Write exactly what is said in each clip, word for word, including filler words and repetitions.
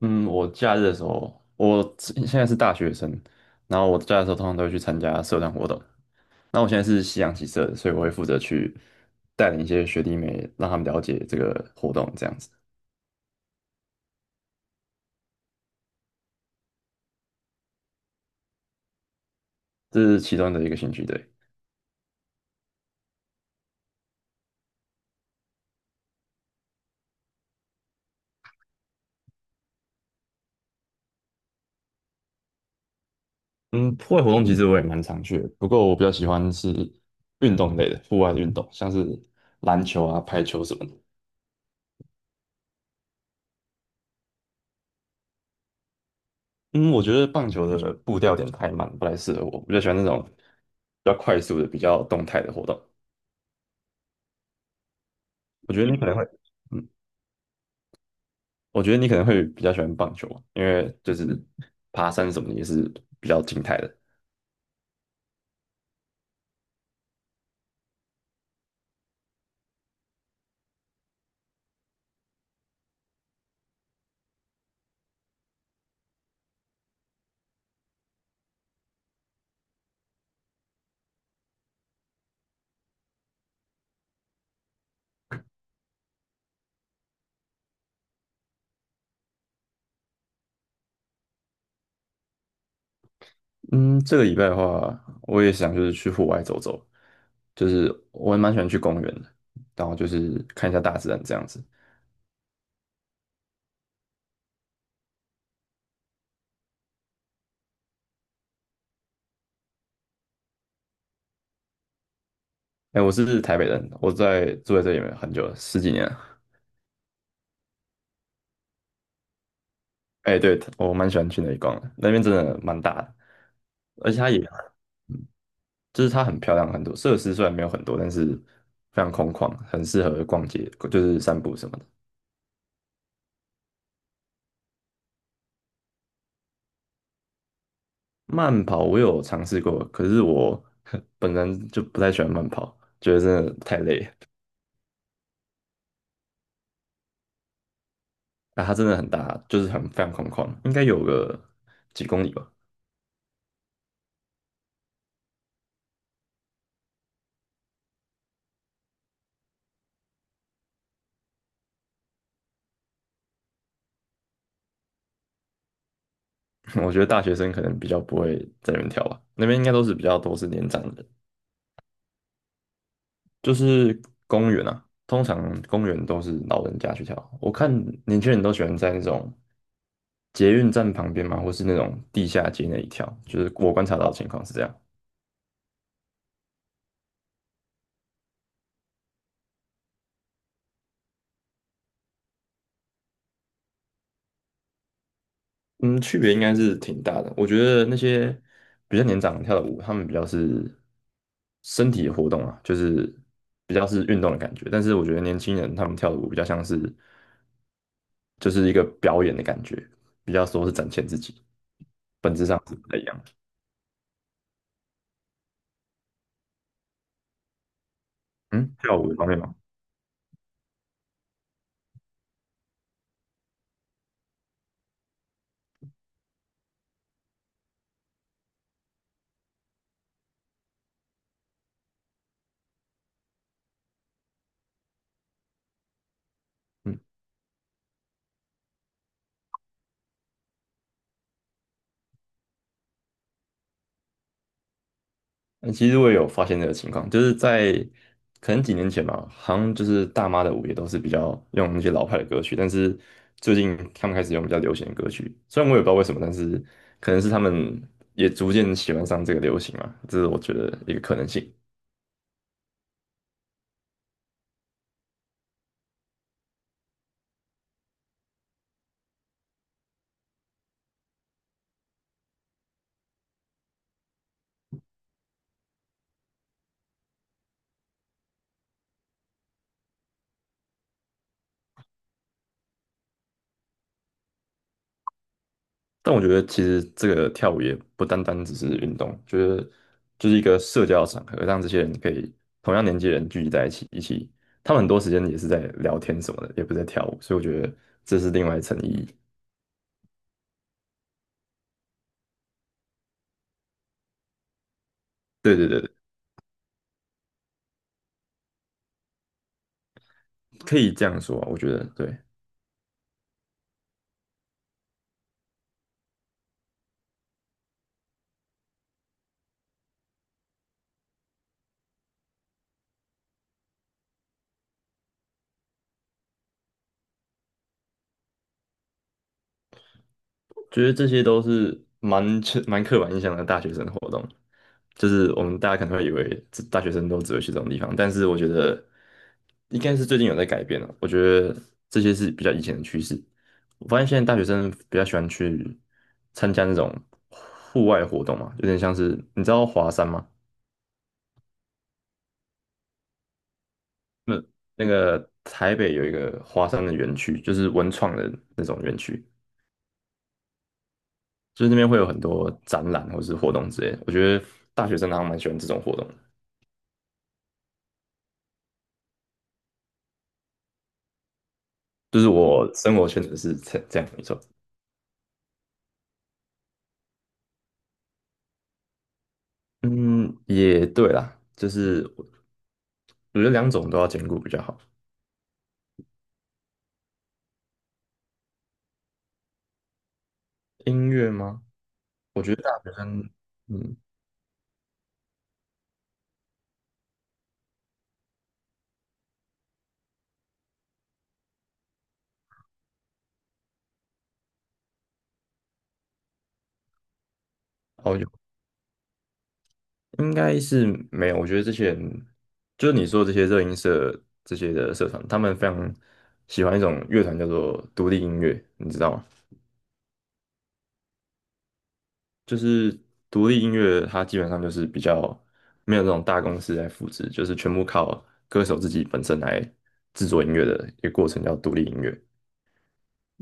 嗯，我假日的时候，我之现在是大学生，然后我假日的时候通常都会去参加社团活动。那我现在是夕阳棋社的，所以我会负责去带领一些学弟妹，让他们了解这个活动，这样子，这是其中的一个兴趣。对。嗯，户外活动其实我也蛮常去的，不过我比较喜欢是运动类的，户外的运动，像是篮球啊、排球什么的。嗯，我觉得棒球的步调有点太慢，不太适合我。我比较喜欢那种比较快速的、比较动态的活动。我觉得你可能会。嗯。我觉得你可能会比较喜欢棒球，因为就是爬山什么的也是比较静态的。嗯，这个礼拜的话，我也想就是去户外走走，就是我也蛮喜欢去公园的，然后就是看一下大自然这样子。哎，我是台北人，我在住在这里面很久了，十几年了。哎，对，我蛮喜欢去那里逛的，那边真的蛮大的，而且它也，嗯，就是它很漂亮，很多设施虽然没有很多，但是非常空旷，很适合逛街，就是散步什么的。慢跑我有尝试过，可是我 本人就不太喜欢慢跑，觉得真的太累了。啊，它真的很大，就是很非常空旷，应该有个几公里吧。我觉得大学生可能比较不会在那边跳吧，那边应该都是比较多是年长的人，就是公园啊，通常公园都是老人家去跳。我看年轻人都喜欢在那种捷运站旁边嘛，或是那种地下街那里跳，就是我观察到的情况是这样。嗯，区别应该是挺大的。我觉得那些比较年长跳的舞，他们比较是身体的活动啊，就是比较是运动的感觉。但是我觉得年轻人他们跳的舞比较像是就是一个表演的感觉，比较说是展现自己，本质上是不太一样的。嗯，跳舞的方面吗？嗯。嗯，其实我也有发现这个情况，就是在可能几年前吧，好像就是大妈的舞也都是比较用那些老派的歌曲，但是最近他们开始用比较流行的歌曲，虽然我也不知道为什么，但是可能是他们也逐渐喜欢上这个流行嘛，这是我觉得一个可能性。但我觉得其实这个跳舞也不单单只是运动，就是就是一个社交场合，让这些人可以同样年纪的人聚集在一起，一起，他们很多时间也是在聊天什么的，也不是在跳舞，所以我觉得这是另外一层意义。对对对对，可以这样说啊我觉得对。觉得这些都是蛮蛮刻板印象的大学生活动，就是我们大家可能会以为这大学生都只会去这种地方，但是我觉得应该是最近有在改变了，我觉得这些是比较以前的趋势。我发现现在大学生比较喜欢去参加那种户外活动嘛，有点像是你知道华山吗？那那个台北有一个华山的园区，就是文创的那种园区。就是那边会有很多展览或是活动之类的。我觉得大学生好像蛮喜欢这种活动的，就是我生活圈子是这这样没错。嗯，也对啦，就是我我觉得两种都要兼顾比较好。音乐吗？我觉得大学生，嗯。哦，有，应该是没有。我觉得这些人，就是你说的这些热音社这些的社团，他们非常喜欢一种乐团叫做独立音乐，你知道吗？就是独立音乐，它基本上就是比较没有那种大公司来复制，就是全部靠歌手自己本身来制作音乐的一个过程，叫独立音乐。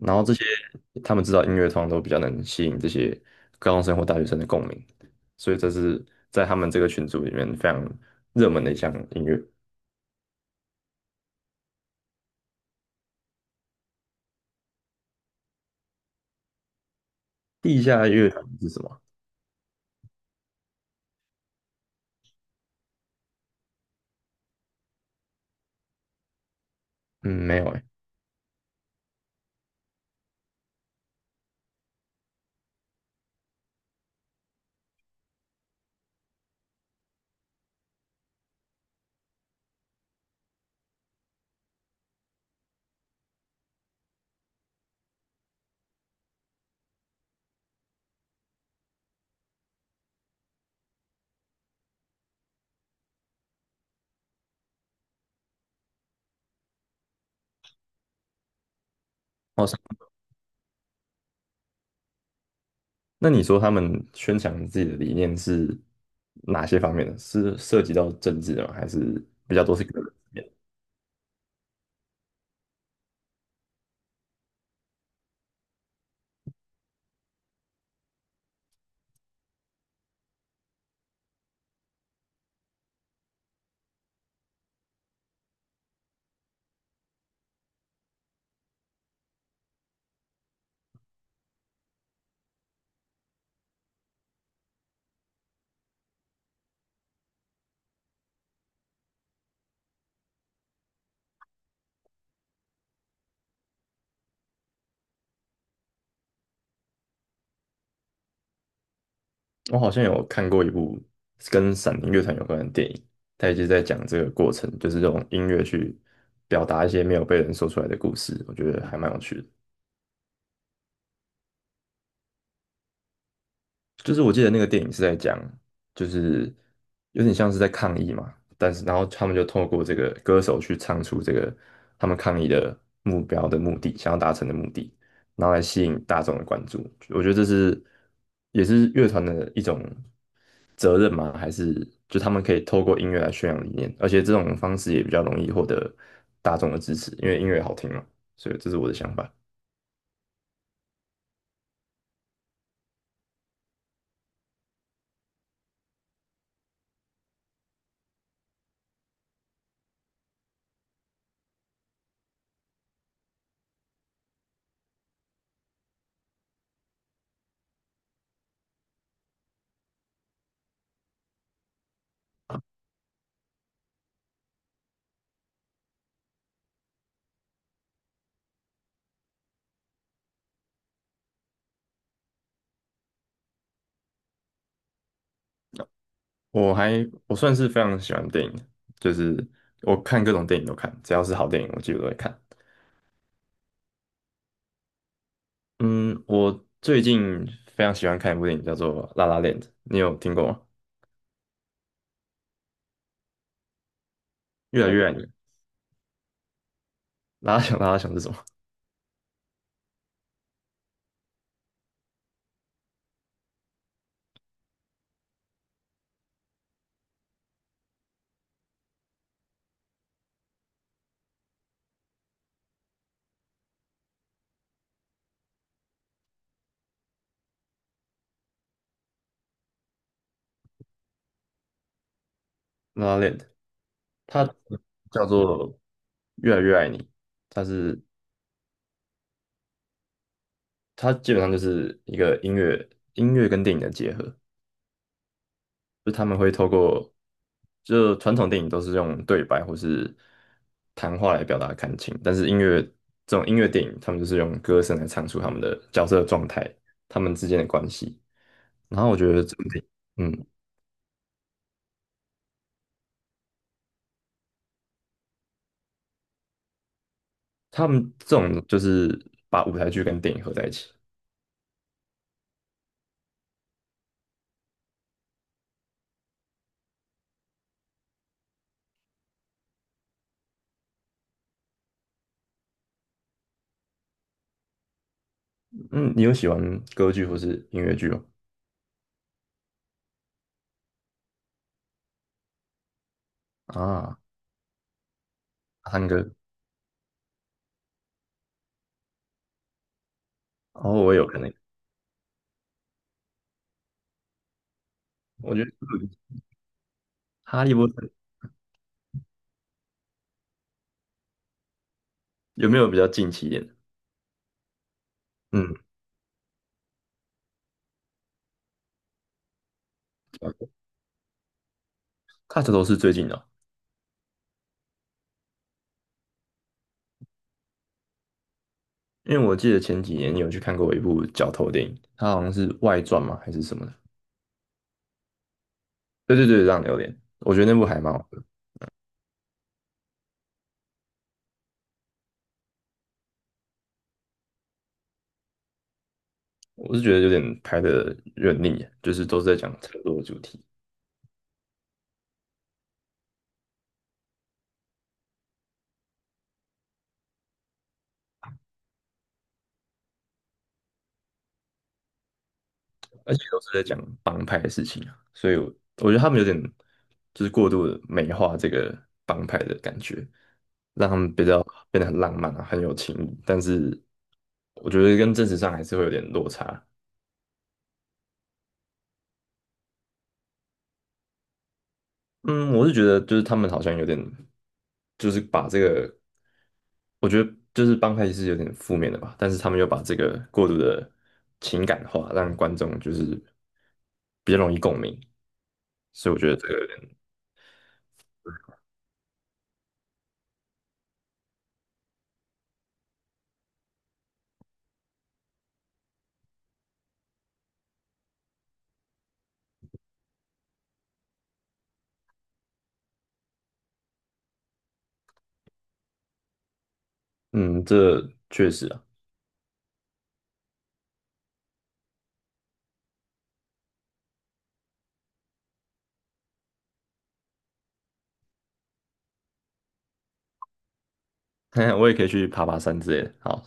然后这些他们知道音乐，通常都比较能吸引这些高中生或大学生的共鸣，所以这是在他们这个群组里面非常热门的一项音乐。地下乐团是什么？嗯，没有哎。哦，那你说他们宣传自己的理念是哪些方面的？是涉及到政治的吗？还是比较多是个人？我好像有看过一部跟闪灵乐团有关的电影，它也就是在讲这个过程，就是用音乐去表达一些没有被人说出来的故事，我觉得还蛮有趣的。就是我记得那个电影是在讲，就是有点像是在抗议嘛，但是然后他们就透过这个歌手去唱出这个他们抗议的目标的目的，想要达成的目的，然后来吸引大众的关注。我觉得这是也是乐团的一种责任吗？还是就他们可以透过音乐来宣扬理念？而且这种方式也比较容易获得大众的支持，因为音乐好听嘛。所以这是我的想法。我还我算是非常喜欢电影的，就是我看各种电影都看，只要是好电影我几乎都会看。嗯，我最近非常喜欢看一部电影叫做《拉拉 La Land》 你有听过吗？越来越爱你，拉拉想拉拉想是什么，拉 a La Land，它叫做《越来越爱你》，它是，它基本上就是一个音乐音乐跟电影的结合，就他们会透过，就传统电影都是用对白或是谈话来表达感情，但是音乐，这种音乐电影，他们就是用歌声来唱出他们的角色的状态，他们之间的关系。然后我觉得这种电影，嗯，他们这种就是把舞台剧跟电影合在一起。嗯，你有喜欢歌剧或是音乐剧吗？啊，探戈。哦，我也有可能。我觉得《嗯哈利波特》有没有比较近期一点？嗯，他这都是最近的哦。因为我记得前几年你有去看过一部角头电影，它好像是外传嘛还是什么的。对对对，让有点。我觉得那部还蛮好的，我是觉得有点拍的有点腻，就是都是在讲车祸主题，而且都是在讲帮，所以我我觉得他们有点就是过度的美化这个帮派的感觉，让他们比较变得很浪漫啊，很有情义，但是我觉得跟真实上还是会有点落差。嗯，我是觉得就是他们好像有点，就是把这个，我觉得就是帮派是有点负面的吧，但是他们又把这个过度的情感化，让观众就是比较容易共鸣，所以我觉得这个有点。嗯，这确实啊。我也可以去爬爬山之类的，好。